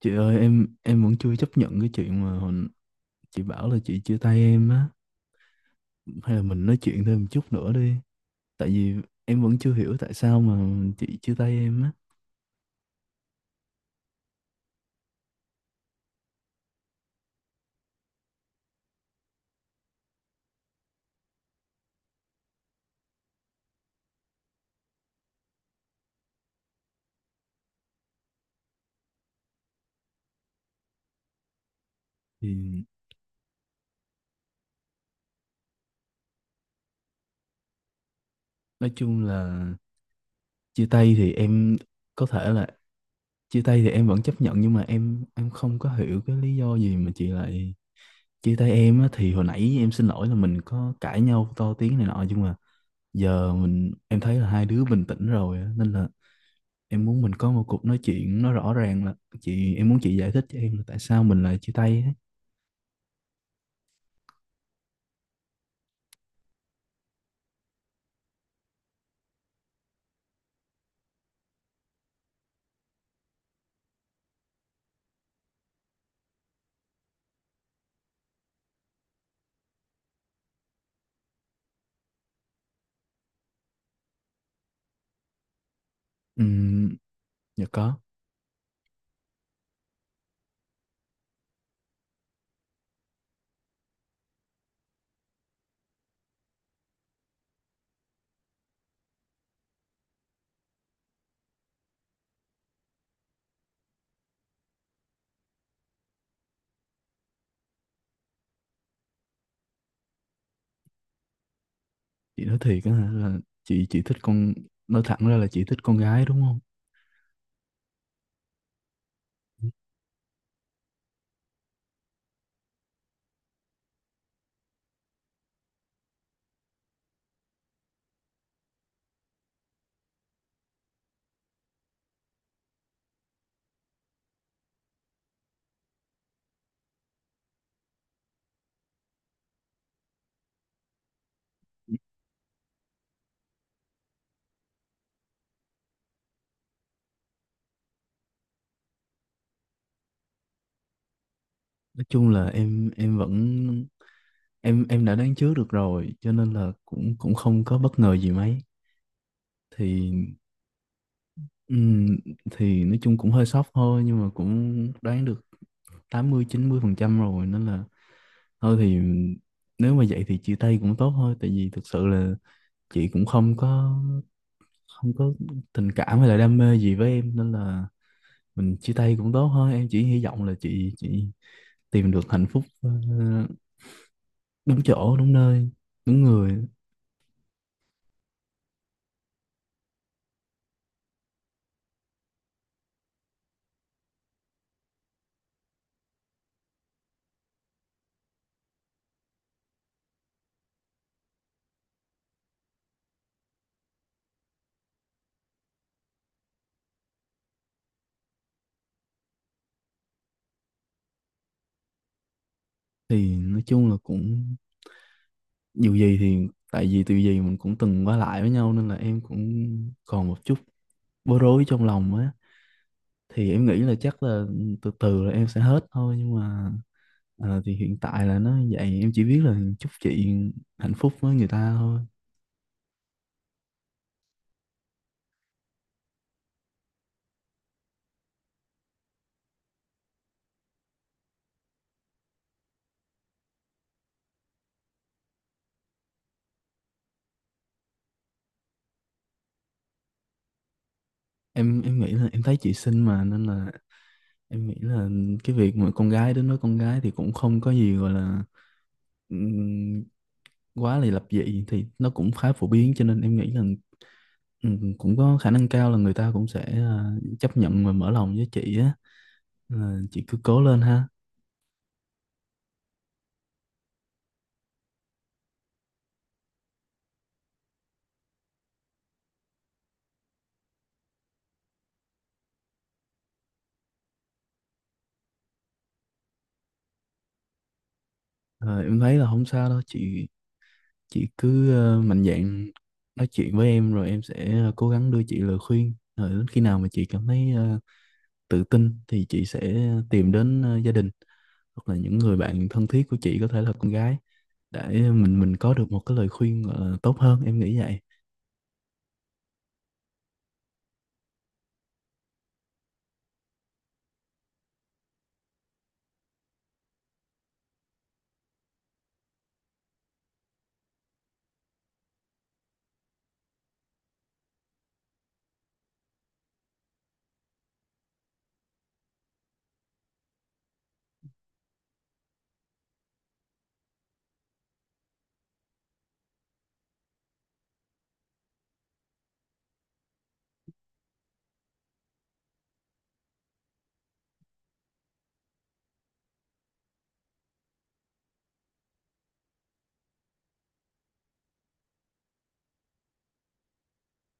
Chị ơi, em vẫn chưa chấp nhận cái chuyện mà hồi, chị bảo là chị chia tay em á, hay là mình nói chuyện thêm một chút nữa đi. Tại vì em vẫn chưa hiểu tại sao mà chị chia tay em á. Thì nói chung là chia tay thì em có thể là chia tay thì em vẫn chấp nhận, nhưng mà em không có hiểu cái lý do gì mà chị lại chia tay em á. Thì hồi nãy em xin lỗi là mình có cãi nhau to tiếng này nọ, nhưng mà giờ mình em thấy là hai đứa bình tĩnh rồi á, nên là em muốn mình có một cuộc nói chuyện nó rõ ràng là chị, em muốn chị giải thích cho em là tại sao mình lại chia tay ấy. Ừm, dạ có. Chị nói thiệt á hả, là chị thích con, nói thẳng ra là chị thích con gái đúng không? Nói chung là em vẫn, em đã đoán trước được rồi, cho nên là cũng cũng không có bất ngờ gì mấy. Thì ừm, thì nói chung cũng hơi sốc thôi, nhưng mà cũng đoán được 80 90% rồi, nên là thôi thì nếu mà vậy thì chia tay cũng tốt thôi. Tại vì thực sự là chị cũng không có tình cảm hay là đam mê gì với em, nên là mình chia tay cũng tốt thôi. Em chỉ hy vọng là chị tìm được hạnh phúc đúng chỗ, đúng nơi, đúng người. Thì nói chung là cũng dù gì thì tại vì từ gì mình cũng từng qua lại với nhau, nên là em cũng còn một chút bối rối trong lòng á. Thì em nghĩ là chắc là từ từ là em sẽ hết thôi, nhưng mà thì hiện tại là nó vậy. Em chỉ biết là chúc chị hạnh phúc với người ta thôi. Em nghĩ là em thấy chị xinh mà, nên là em nghĩ là cái việc mà con gái đến nói con gái thì cũng không có gì gọi là ừm, quá là lập dị, thì nó cũng khá phổ biến. Cho nên em nghĩ là cũng có khả năng cao là người ta cũng sẽ chấp nhận và mở lòng với chị á. Ờ, chị cứ cố lên ha. Ờ, em thấy là không sao đâu chị. Chị cứ mạnh dạn nói chuyện với em, rồi em sẽ cố gắng đưa chị lời khuyên. Rồi đến khi nào mà chị cảm thấy tự tin thì chị sẽ tìm đến gia đình hoặc là những người bạn thân thiết của chị, có thể là con gái, để mình có được một cái lời khuyên gọi là tốt hơn, em nghĩ vậy.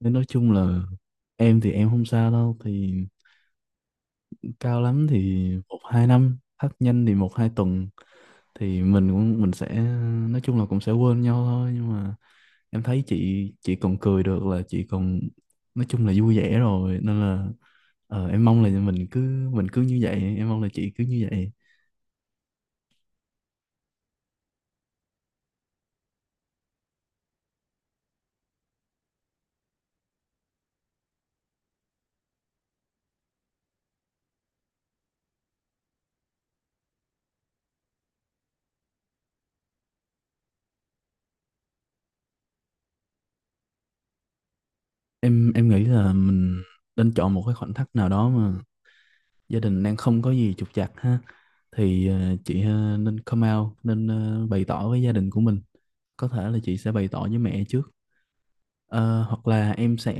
Nên nói chung là em thì em không sao đâu. Thì cao lắm thì một hai năm, thấp nhanh thì một hai tuần thì mình cũng mình sẽ nói chung là cũng sẽ quên nhau thôi. Nhưng mà em thấy chị còn cười được là chị còn nói chung là vui vẻ rồi, nên là ờ, em mong là mình cứ như vậy, em mong là chị cứ như vậy. Em nghĩ là mình nên chọn một cái khoảnh khắc nào đó mà gia đình đang không có gì trục trặc ha. Thì chị nên come out, nên bày tỏ với gia đình của mình. Có thể là chị sẽ bày tỏ với mẹ trước. Ờ, hoặc là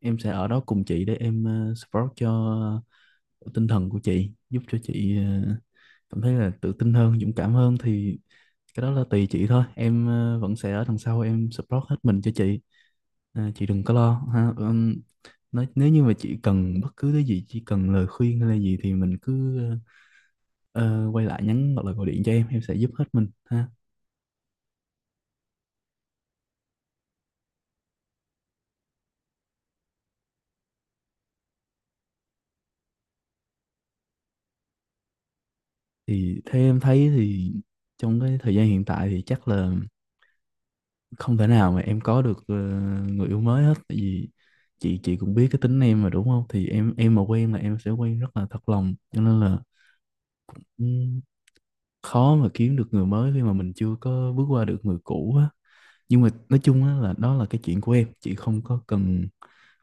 em sẽ ở đó cùng chị để em support cho tinh thần của chị, giúp cho chị ờ, cảm thấy là tự tin hơn, dũng cảm hơn. Thì cái đó là tùy chị thôi, em vẫn sẽ ở đằng sau em support hết mình cho chị. Chị đừng có lo ha. Nói nếu như mà chị cần bất cứ cái gì, chỉ cần lời khuyên hay là gì, thì mình cứ ờ, quay lại nhắn hoặc là gọi điện cho em sẽ giúp hết mình ha. Thì theo em thấy thì trong cái thời gian hiện tại thì chắc là không thể nào mà em có được người yêu mới hết. Tại vì chị cũng biết cái tính em mà đúng không, thì em mà quen là em sẽ quen rất là thật lòng, cho nên là ừm, khó mà kiếm được người mới khi mà mình chưa có bước qua được người cũ á. Nhưng mà nói chung á là đó là cái chuyện của em, chị không có cần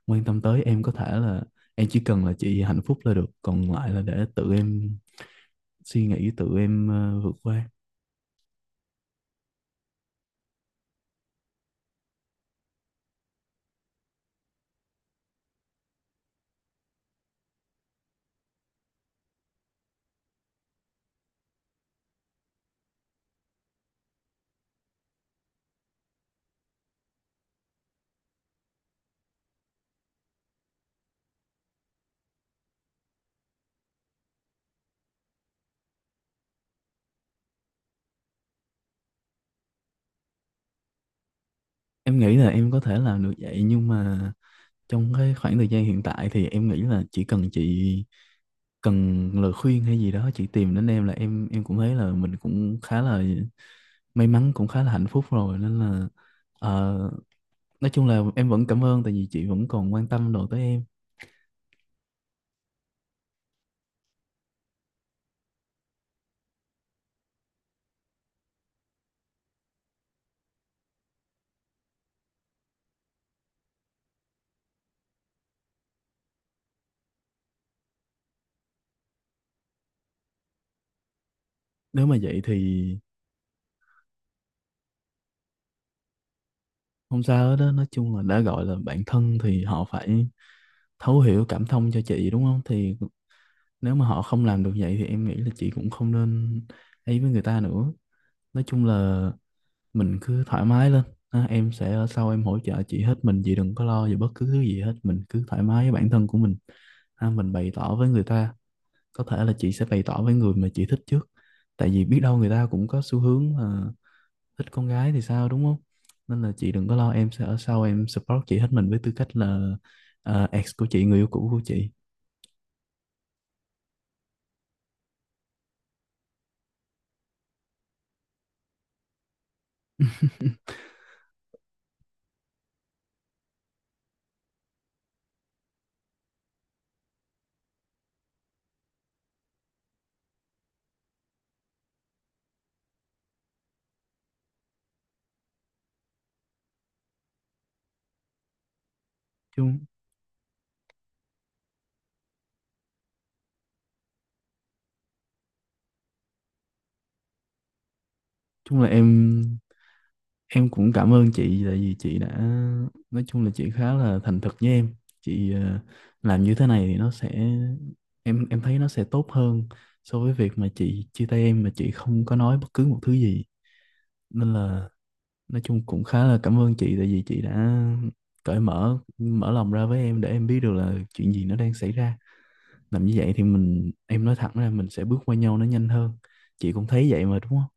quan tâm tới. Em có thể là em chỉ cần là chị hạnh phúc là được, còn lại là để tự em suy nghĩ, tự em vượt qua. Em nghĩ là em có thể làm được vậy, nhưng mà trong cái khoảng thời gian hiện tại thì em nghĩ là chỉ cần chị cần lời khuyên hay gì đó chị tìm đến em là em cũng thấy là mình cũng khá là may mắn, cũng khá là hạnh phúc rồi, nên là ờ, nói chung là em vẫn cảm ơn tại vì chị vẫn còn quan tâm đồ tới em. Nếu mà vậy thì không sao hết đó. Nói chung là đã gọi là bạn thân thì họ phải thấu hiểu, cảm thông cho chị đúng không. Thì nếu mà họ không làm được vậy thì em nghĩ là chị cũng không nên ấy với người ta nữa. Nói chung là mình cứ thoải mái lên ha, em sẽ ở sau em hỗ trợ chị hết mình. Chị đừng có lo về bất cứ thứ gì hết, mình cứ thoải mái với bản thân của mình ha, mình bày tỏ với người ta. Có thể là chị sẽ bày tỏ với người mà chị thích trước, tại vì biết đâu người ta cũng có xu hướng là thích con gái thì sao đúng không. Nên là chị đừng có lo, em sẽ ở sau em support chị hết mình với tư cách là ex của chị, người yêu cũ của chị. chung chung là em cũng cảm ơn chị tại vì chị đã nói chung là chị khá là thành thực với em. Chị làm như thế này thì nó sẽ em thấy nó sẽ tốt hơn so với việc mà chị chia tay em mà chị không có nói bất cứ một thứ gì. Nên là nói chung cũng khá là cảm ơn chị tại vì chị đã cởi mở, mở lòng ra với em để em biết được là chuyện gì nó đang xảy ra. Làm như vậy thì mình em nói thẳng ra mình sẽ bước qua nhau nó nhanh hơn. Chị cũng thấy vậy mà đúng không?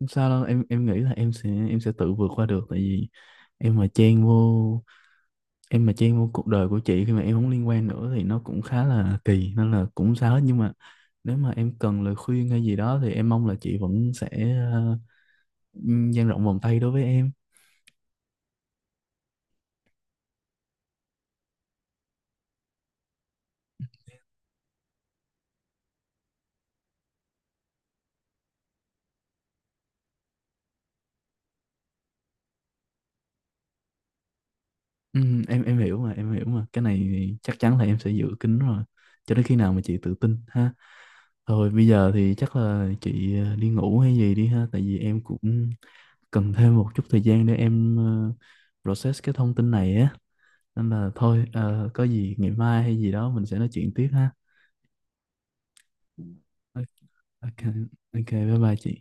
Không sao đâu em nghĩ là em sẽ tự vượt qua được. Tại vì em mà chen vô em mà chen vô cuộc đời của chị khi mà em không liên quan nữa thì nó cũng khá là kỳ, nên là cũng không sao hết. Nhưng mà nếu mà em cần lời khuyên hay gì đó thì em mong là chị vẫn sẽ ờ, dang rộng vòng tay đối với em. Ừ, em hiểu mà, em hiểu mà, cái này thì chắc chắn là em sẽ giữ kín rồi cho đến khi nào mà chị tự tin ha. Thôi bây giờ thì chắc là chị đi ngủ hay gì đi ha, tại vì em cũng cần thêm một chút thời gian để em process cái thông tin này á. Nên là thôi có gì ngày mai hay gì đó mình sẽ nói chuyện tiếp ha. OK, OK, bye bye chị.